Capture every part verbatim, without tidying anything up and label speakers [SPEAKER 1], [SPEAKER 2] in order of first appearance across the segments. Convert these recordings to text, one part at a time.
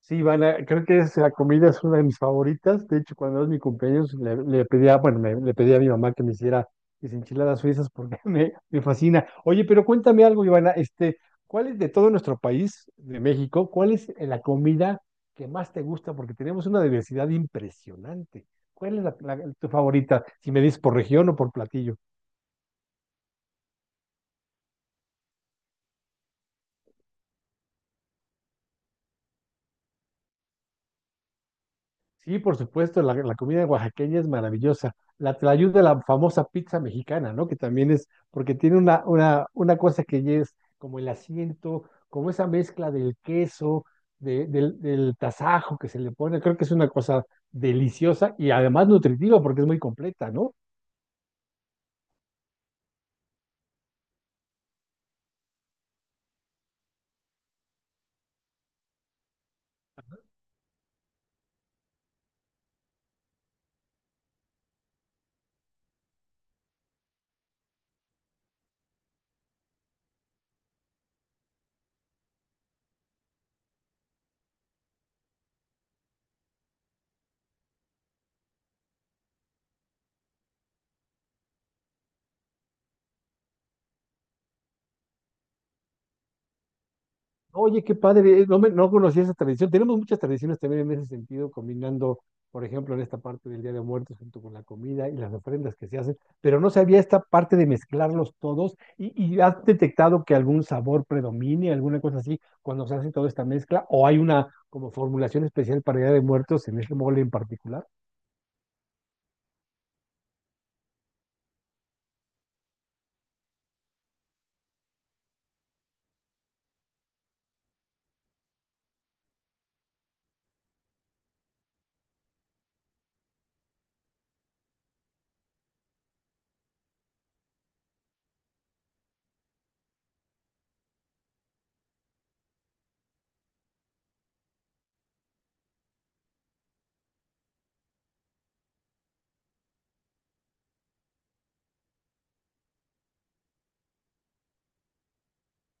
[SPEAKER 1] Sí, Ivana, creo que esa comida es una de mis favoritas. De hecho, cuando es mi cumpleaños, le, le pedía, bueno, me- le pedí a mi mamá que me hiciera mis enchiladas suizas porque me, me fascina. Oye, pero cuéntame algo, Ivana, este, ¿cuál es de todo nuestro país, de México, cuál es eh, la comida que más te gusta? Porque tenemos una diversidad impresionante. ¿Cuál es la, la- tu favorita? Si me dices por región o por platillo. Sí, por supuesto, la, la comida oaxaqueña es maravillosa. La tlayuda de la famosa pizza mexicana, ¿no? Que también es, porque tiene una, una, una cosa que ya es como el asiento, como esa mezcla del queso, de- del, del tasajo que se le pone. Creo que es una cosa deliciosa y además nutritiva porque es muy completa, ¿no? Oye, qué padre, eh, no, me, no conocía esa tradición. Tenemos muchas tradiciones también en ese sentido, combinando, por ejemplo, en esta parte del Día de Muertos junto con la comida y las ofrendas que se hacen, pero no sabía esta parte de mezclarlos todos y, y has detectado que algún sabor predomine, alguna cosa así, cuando se hace toda esta mezcla, o hay una como formulación especial para Día de Muertos en ese mole en particular.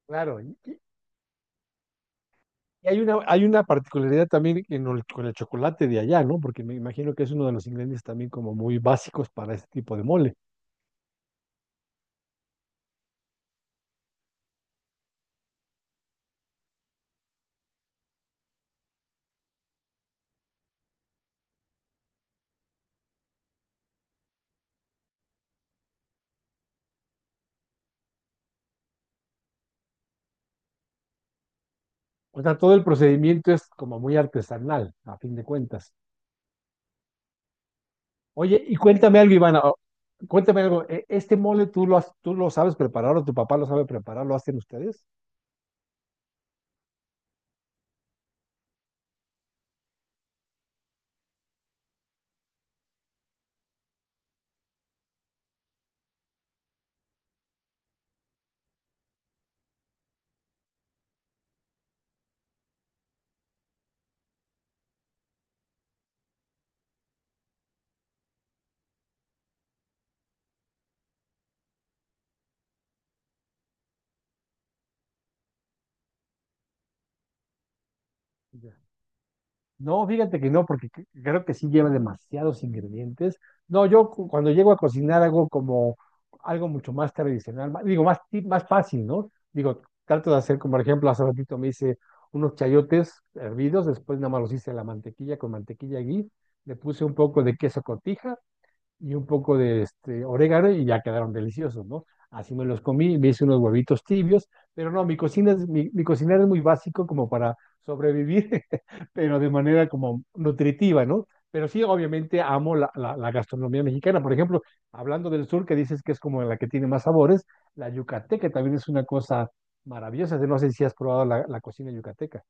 [SPEAKER 1] Claro, y, y- y hay una, hay una particularidad también en el- con el chocolate de allá, ¿no? Porque me imagino que es uno de los ingredientes también como muy básicos para este tipo de moles. O sea, todo el procedimiento es como muy artesanal, a fin de cuentas. Oye, y cuéntame algo, Ivana. o- Cuéntame algo. e- ¿Este mole tú lo, has- tú lo sabes preparar o tu papá lo sabe preparar? ¿Lo hacen ustedes? Ya. No, fíjate que no, porque cre- creo que sí lleva demasiados ingredientes. No, yo cu- cuando llego a cocinar hago como algo mucho más tradicional, ma- digo, más, ti- más fácil, ¿no? Digo, trato de hacer, como por ejemplo, hace ratito me hice unos chayotes hervidos, después nada más los hice a la mantequilla con mantequilla ghee, le puse un poco de queso cotija y un poco de este, orégano y ya quedaron deliciosos, ¿no? Así me los comí, me hice unos huevitos tibios, pero no, mi cocina es, mi, mi cocinar es muy básico como para sobrevivir, pero de manera como nutritiva, ¿no? Pero sí, obviamente amo la, la- la gastronomía mexicana. Por ejemplo, hablando del sur, que dices que es como la que tiene más sabores, la yucateca también es una cosa maravillosa. No sé si has probado la la cocina yucateca.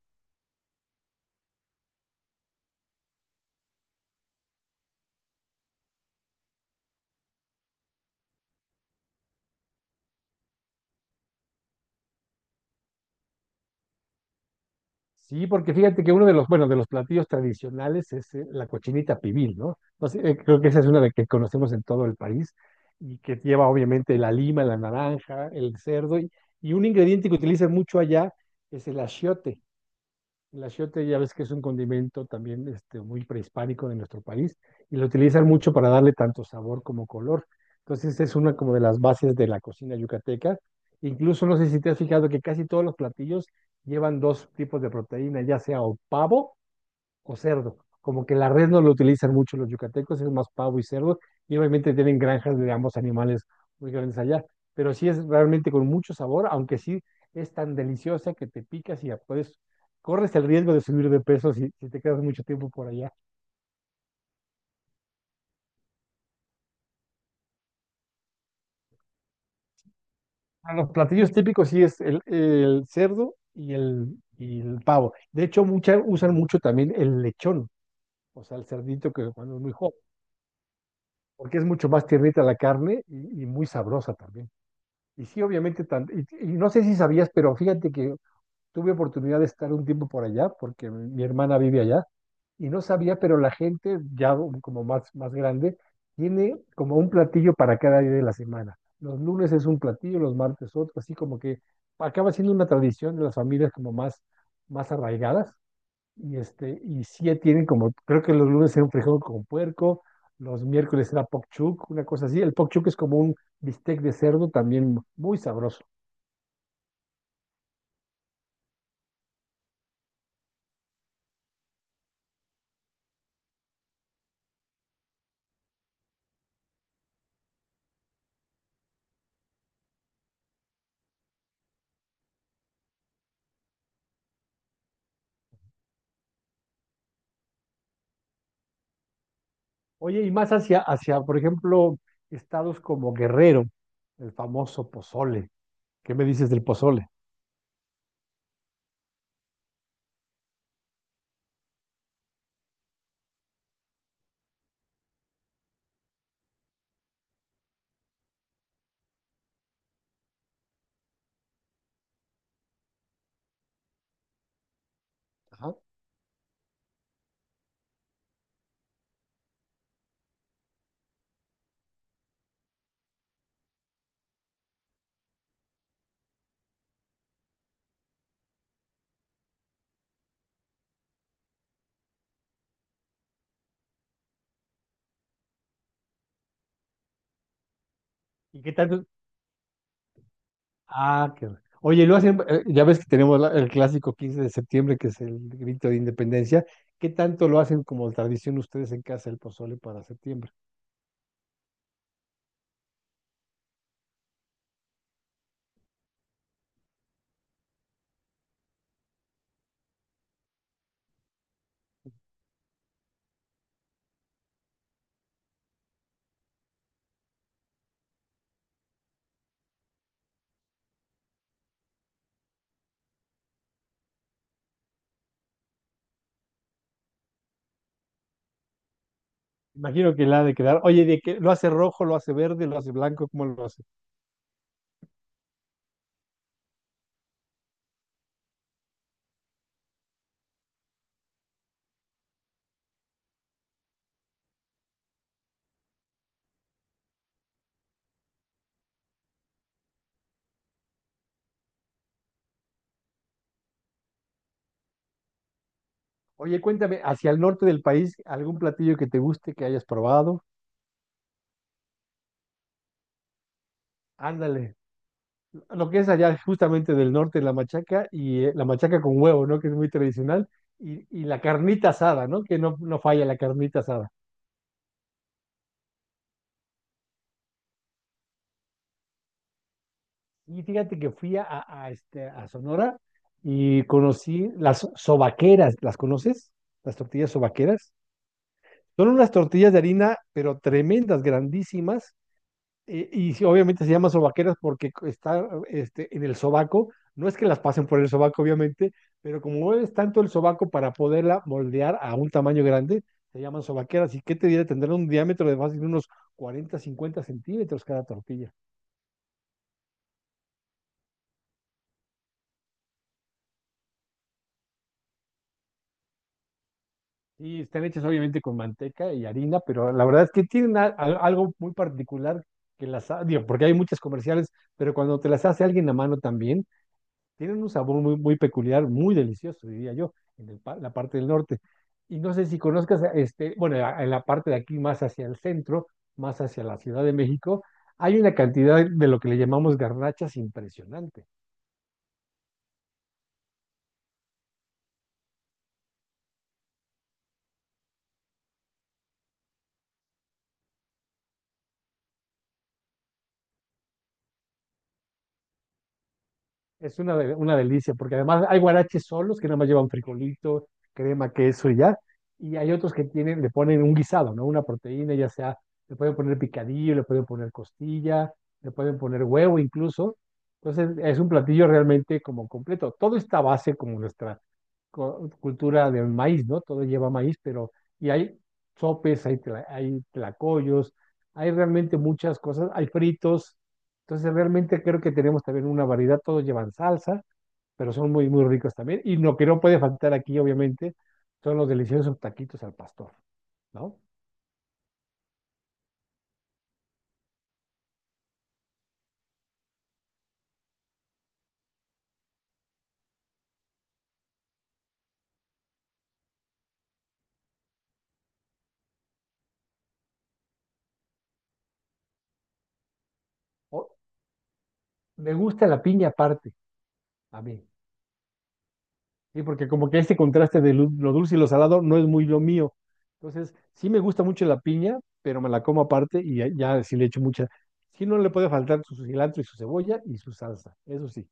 [SPEAKER 1] Sí, porque fíjate que uno de los, bueno, de los platillos tradicionales es eh, la cochinita pibil, ¿no? Entonces, eh, creo que esa es una de que conocemos en todo el país y que lleva obviamente la lima, la naranja, el cerdo y, y un ingrediente que utilizan mucho allá es el achiote. El achiote ya ves que es un condimento también este, muy prehispánico de nuestro país y lo utilizan mucho para darle tanto sabor como color. Entonces es una como de las bases de la cocina yucateca. Incluso no sé si te has fijado que casi todos los platillos llevan dos tipos de proteína, ya sea o pavo o cerdo. Como que la red no lo utilizan mucho los yucatecos, es más pavo y cerdo, y obviamente tienen granjas de ambos animales muy grandes allá, pero sí es realmente con mucho sabor, aunque sí es tan deliciosa que te picas y ya puedes, corres el riesgo de subir de peso si, si te quedas mucho tiempo por allá. A Los platillos típicos sí es el, el cerdo y el, y el pavo. De hecho, mucha, usan mucho también el lechón, o sea, el cerdito que cuando es muy joven, porque es mucho más tiernita la carne y y muy sabrosa también. Y sí, obviamente, tan- y, y no sé si sabías, pero fíjate que tuve oportunidad de estar un tiempo por allá, porque mi mi hermana vive allá, y no sabía, pero la gente, ya como más, más grande, tiene como un platillo para cada día de la semana. Los lunes es un platillo, los martes otro, así como que acaba siendo una tradición de las familias como más, más arraigadas, y este, y sí tienen como, creo que los lunes era un frijol con puerco, los miércoles era pokchuk, una cosa así. El pokchuk es como un bistec de cerdo también muy sabroso. Oye, y más hacia, hacia, por ejemplo, estados como Guerrero, el famoso pozole. ¿Qué me dices del pozole? Ajá. ¿Y qué tal? Ah, qué bueno. Oye, lo hacen, eh, ya ves que tenemos la- el clásico quince de septiembre, que es el grito de independencia. ¿Qué tanto lo hacen como tradición ustedes en casa el pozole para septiembre? Imagino que la ha de quedar. Oye, ¿de qué? ¿Lo hace rojo, lo hace verde, lo hace blanco? ¿Cómo lo hace? Oye, cuéntame, hacia el norte del país, ¿algún platillo que te guste, que hayas probado? Ándale. Lo que es allá justamente del norte, la machaca y eh, la machaca con huevo, ¿no? Que es muy tradicional. Y, y la carnita asada, ¿no? Que no, no falla la carnita asada. Y fíjate que fui a, a- a, este, a Sonora y conocí las sobaqueras. ¿Las conoces? Las tortillas sobaqueras. Son unas tortillas de harina, pero tremendas, grandísimas. Eh, Y, sí, obviamente se llama sobaqueras porque co- está este, en el sobaco. No es que las pasen por el sobaco, obviamente, pero como mueves tanto el sobaco para poderla moldear a un tamaño grande, se llaman sobaqueras. ¿Y qué te diré? Tendrán un diámetro de fácil unos cuarenta, cincuenta centímetros cada tortilla. Y están hechas obviamente con manteca y harina, pero la verdad es que tienen a- a- algo muy particular que las, ha- digo, porque hay muchas comerciales, pero cuando te las hace alguien a mano también, tienen un sabor muy, muy peculiar, muy delicioso, diría yo, en el pa- la parte del norte. Y no sé si conozcas, este, bueno, a- en la parte de aquí más hacia el centro, más hacia la Ciudad de México, hay una cantidad de lo que le llamamos garnachas impresionante. Es una, de- una delicia, porque además hay guaraches solos que nada más llevan frijolito, crema, queso y ya. Y hay otros que tienen, le ponen un guisado, ¿no? Una proteína, ya sea, le pueden poner picadillo, le pueden poner costilla, le pueden poner huevo incluso. Entonces, es un platillo realmente como completo. Todo está a base como nuestra co- cultura del maíz, ¿no? Todo lleva maíz, pero y hay sopes, hay, tla- hay tlacoyos, hay realmente muchas cosas, hay fritos entonces, realmente creo que tenemos también una variedad, todos llevan salsa, pero son muy, muy ricos también. Y lo que no puede faltar aquí, obviamente, son los deliciosos taquitos al pastor, ¿no? O- Me gusta la piña aparte, a mí, ¿sí? Porque como que ese contraste de lu- lo dulce y lo salado no es muy lo mío. Entonces, sí me gusta mucho la piña, pero me la como aparte y ya, ya sí le echo mucha. Sí no le puede faltar su cilantro y su cebolla y su salsa, eso sí.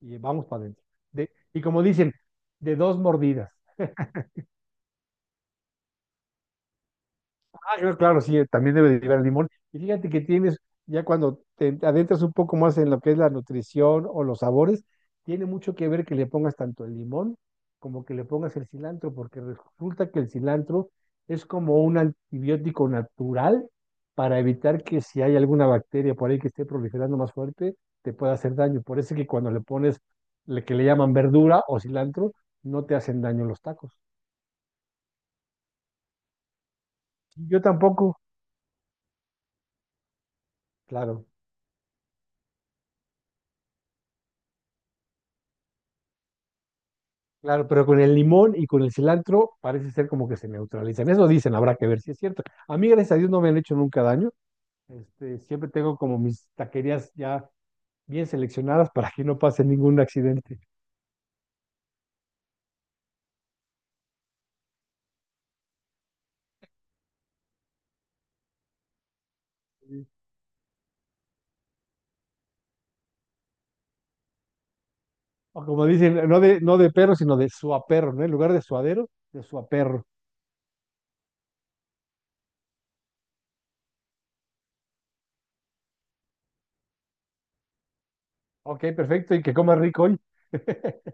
[SPEAKER 1] Y vamos para adentro. De- y como dicen, de dos mordidas. Ah, claro, claro, sí, también debe derivar el limón. Y fíjate que tienes, ya cuando te adentras un poco más en lo que es la nutrición o los sabores, tiene mucho que ver que le pongas tanto el limón como que le pongas el cilantro, porque resulta que el cilantro es como un antibiótico natural para evitar que si hay alguna bacteria por ahí que esté proliferando más fuerte, te pueda hacer daño. Por eso es que cuando le pones lo que le llaman verdura o cilantro, no te hacen daño los tacos. Yo tampoco, claro. Claro, pero con el limón y con el cilantro parece ser como que se neutralizan. Eso dicen, habrá que ver si es cierto. A mí, gracias a Dios, no me han hecho nunca daño. Este, siempre tengo como mis taquerías ya bien seleccionadas para que no pase ningún accidente. Sí. O como dicen, no de, no de perro, sino de suaperro, ¿no? En lugar de suadero, de suaperro. Ok, perfecto, y que coma rico hoy.